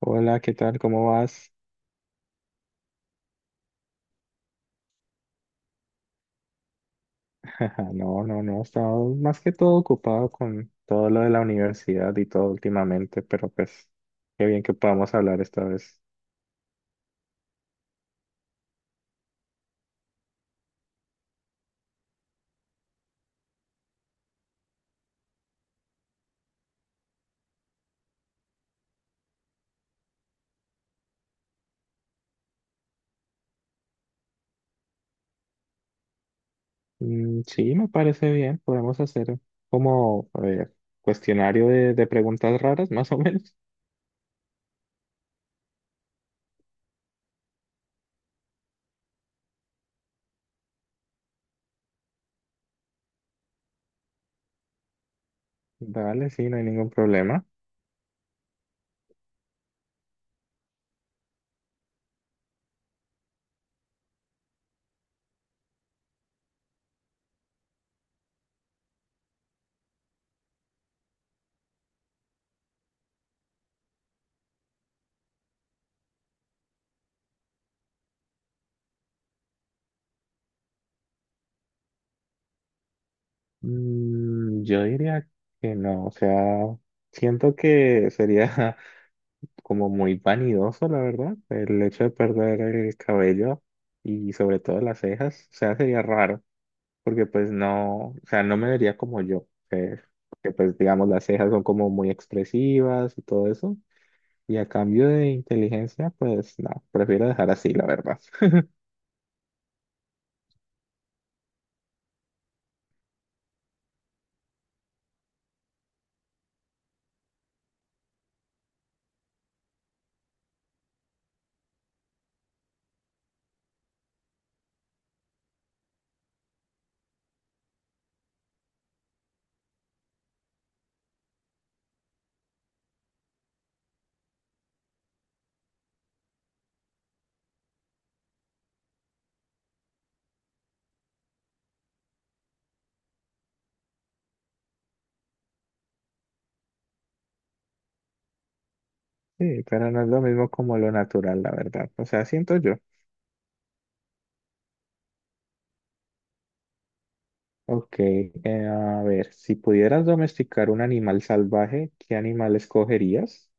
Hola, ¿qué tal? ¿Cómo vas? No, no, no, he estado más que todo ocupado con todo lo de la universidad y todo últimamente, pero pues qué bien que podamos hablar esta vez. Mm, sí, me parece bien, podemos hacer, como a ver, cuestionario de preguntas raras, más o menos. Dale, sí, no hay ningún problema. Yo diría que no, o sea, siento que sería como muy vanidoso, la verdad, el hecho de perder el cabello y sobre todo las cejas, o sea, sería raro, porque pues no, o sea, no me vería como yo, que pues digamos las cejas son como muy expresivas y todo eso, y a cambio de inteligencia, pues no, prefiero dejar así, la verdad. Sí, pero no es lo mismo como lo natural, la verdad, o sea, siento yo. Ok, a ver, si pudieras domesticar un animal salvaje, ¿qué animal escogerías?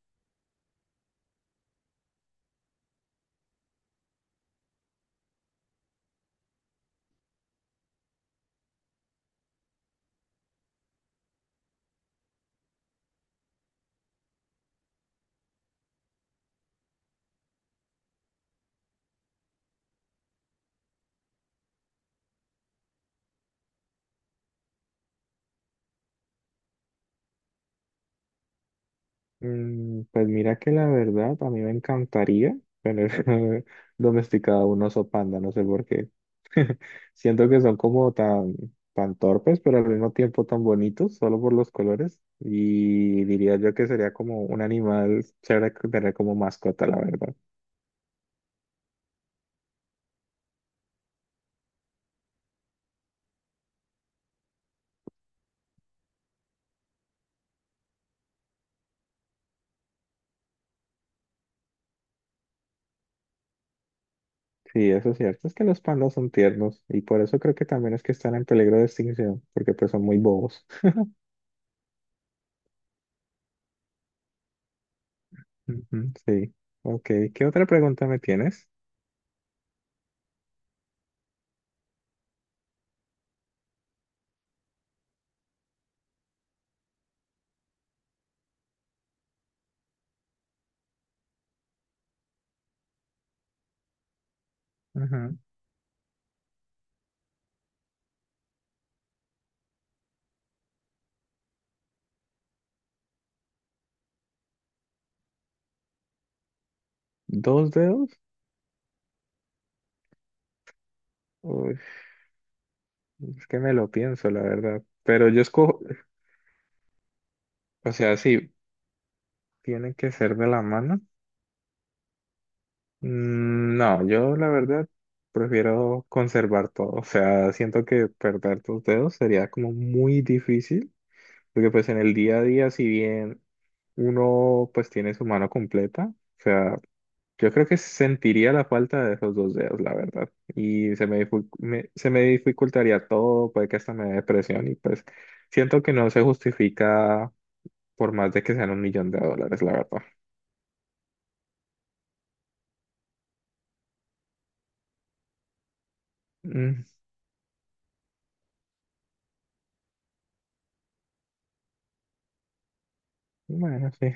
Pues mira que la verdad a mí me encantaría tener domesticado un oso panda, no sé por qué. Siento que son como tan, tan torpes, pero al mismo tiempo tan bonitos, solo por los colores. Y diría yo que sería como un animal chévere que tener como mascota, la verdad. Sí, eso es cierto, es que los pandas son tiernos y por eso creo que también es que están en peligro de extinción, porque pues son muy bobos. Ujú, sí, ok. ¿Qué otra pregunta me tienes? Ajá. ¿Dos dedos? Es que me lo pienso, la verdad. Pero yo escojo, o sea, sí, tiene que ser de la mano. Mm, no, yo la verdad prefiero conservar todo. O sea, siento que perder tus dedos sería como muy difícil, porque pues en el día a día, si bien uno pues tiene su mano completa, o sea, yo creo que sentiría la falta de esos dos dedos, la verdad. Y se me dificultaría todo, puede que hasta me dé depresión y pues siento que no se justifica por más de que sean 1 millón de dólares, la verdad. Mm, bueno, sí.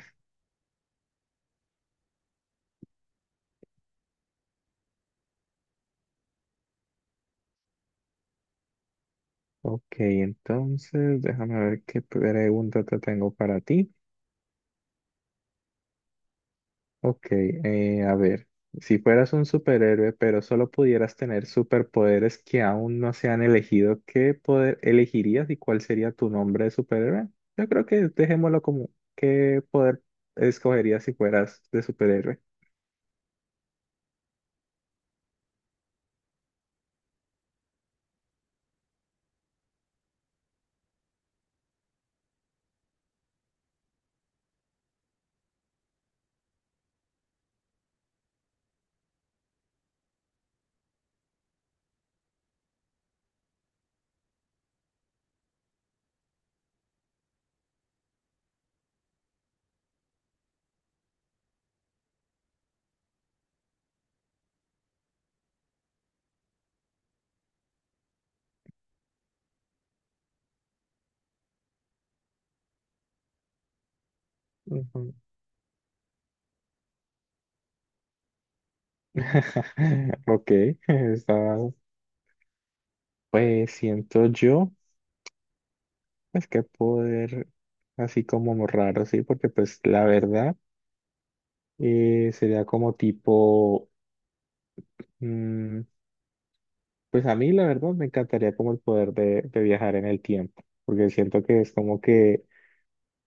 Ok, entonces déjame ver qué pregunta te tengo para ti. Ok, a ver, si fueras un superhéroe, pero solo pudieras tener superpoderes que aún no se han elegido, ¿qué poder elegirías y cuál sería tu nombre de superhéroe? Yo creo que dejémoslo como, ¿qué poder escogerías si fueras de superhéroe? Ujú. Ok, está- pues siento yo. Es que poder así como raro, sí, porque pues la verdad sería como tipo, mm, pues a mí la verdad me encantaría como el poder de viajar en el tiempo, porque siento que es como que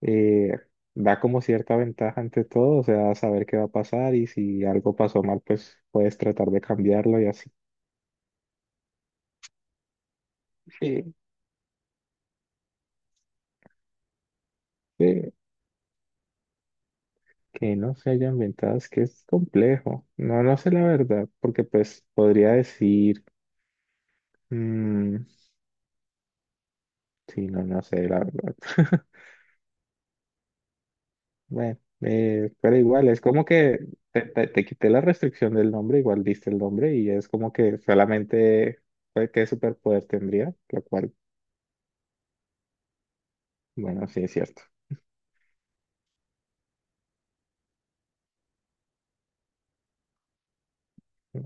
eh, da como cierta ventaja ante todo, o sea, saber qué va a pasar y si algo pasó mal, pues puedes tratar de cambiarlo y así. Sí, sí, que no se hayan ventajas, que es complejo. No, no sé la verdad, porque pues podría decir. Mm, sí, no, no sé, la verdad. Bueno, pero igual, es como que te quité la restricción del nombre, igual diste el nombre y es como que solamente pues, qué superpoder tendría, lo cual, bueno, sí es cierto.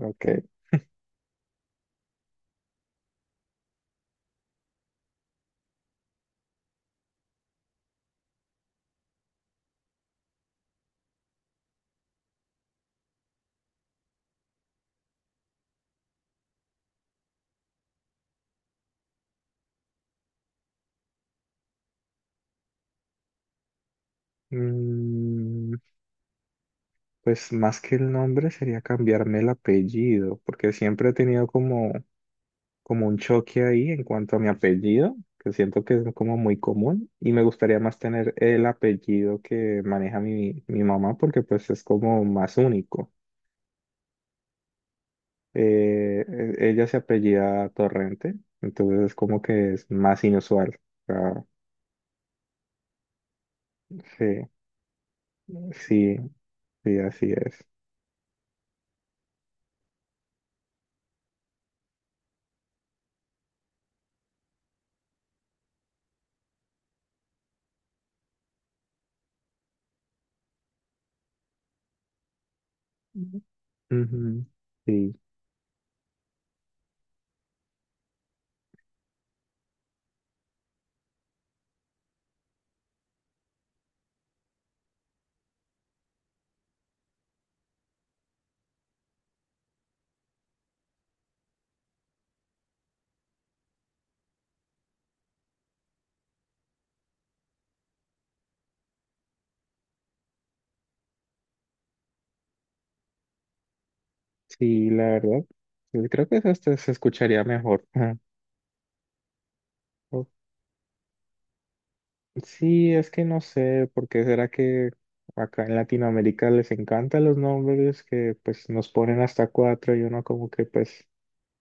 Ok. Mm, pues más que el nombre sería cambiarme el apellido, porque siempre he tenido como un choque ahí en cuanto a mi apellido, que siento que es como muy común y me gustaría más tener el apellido que maneja mi mamá porque pues es como más único. Eh, Ella se apellida Torrente, entonces es como que es más inusual. O sea, sí, sí, sí, así es. Ujú. Ujú, sí, sí, la verdad, yo creo que eso hasta se escucharía mejor. Sí, es que no sé, porque será que acá en Latinoamérica les encantan los nombres que pues nos ponen hasta cuatro y uno como que pues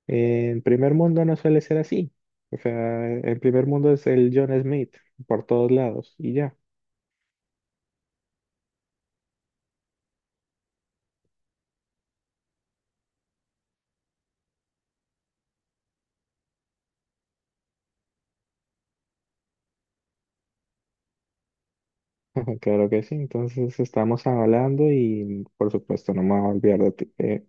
en primer mundo no suele ser así. O sea, en primer mundo es el John Smith por todos lados y ya. Claro que sí, entonces estamos hablando y por supuesto no me voy a olvidar de ti.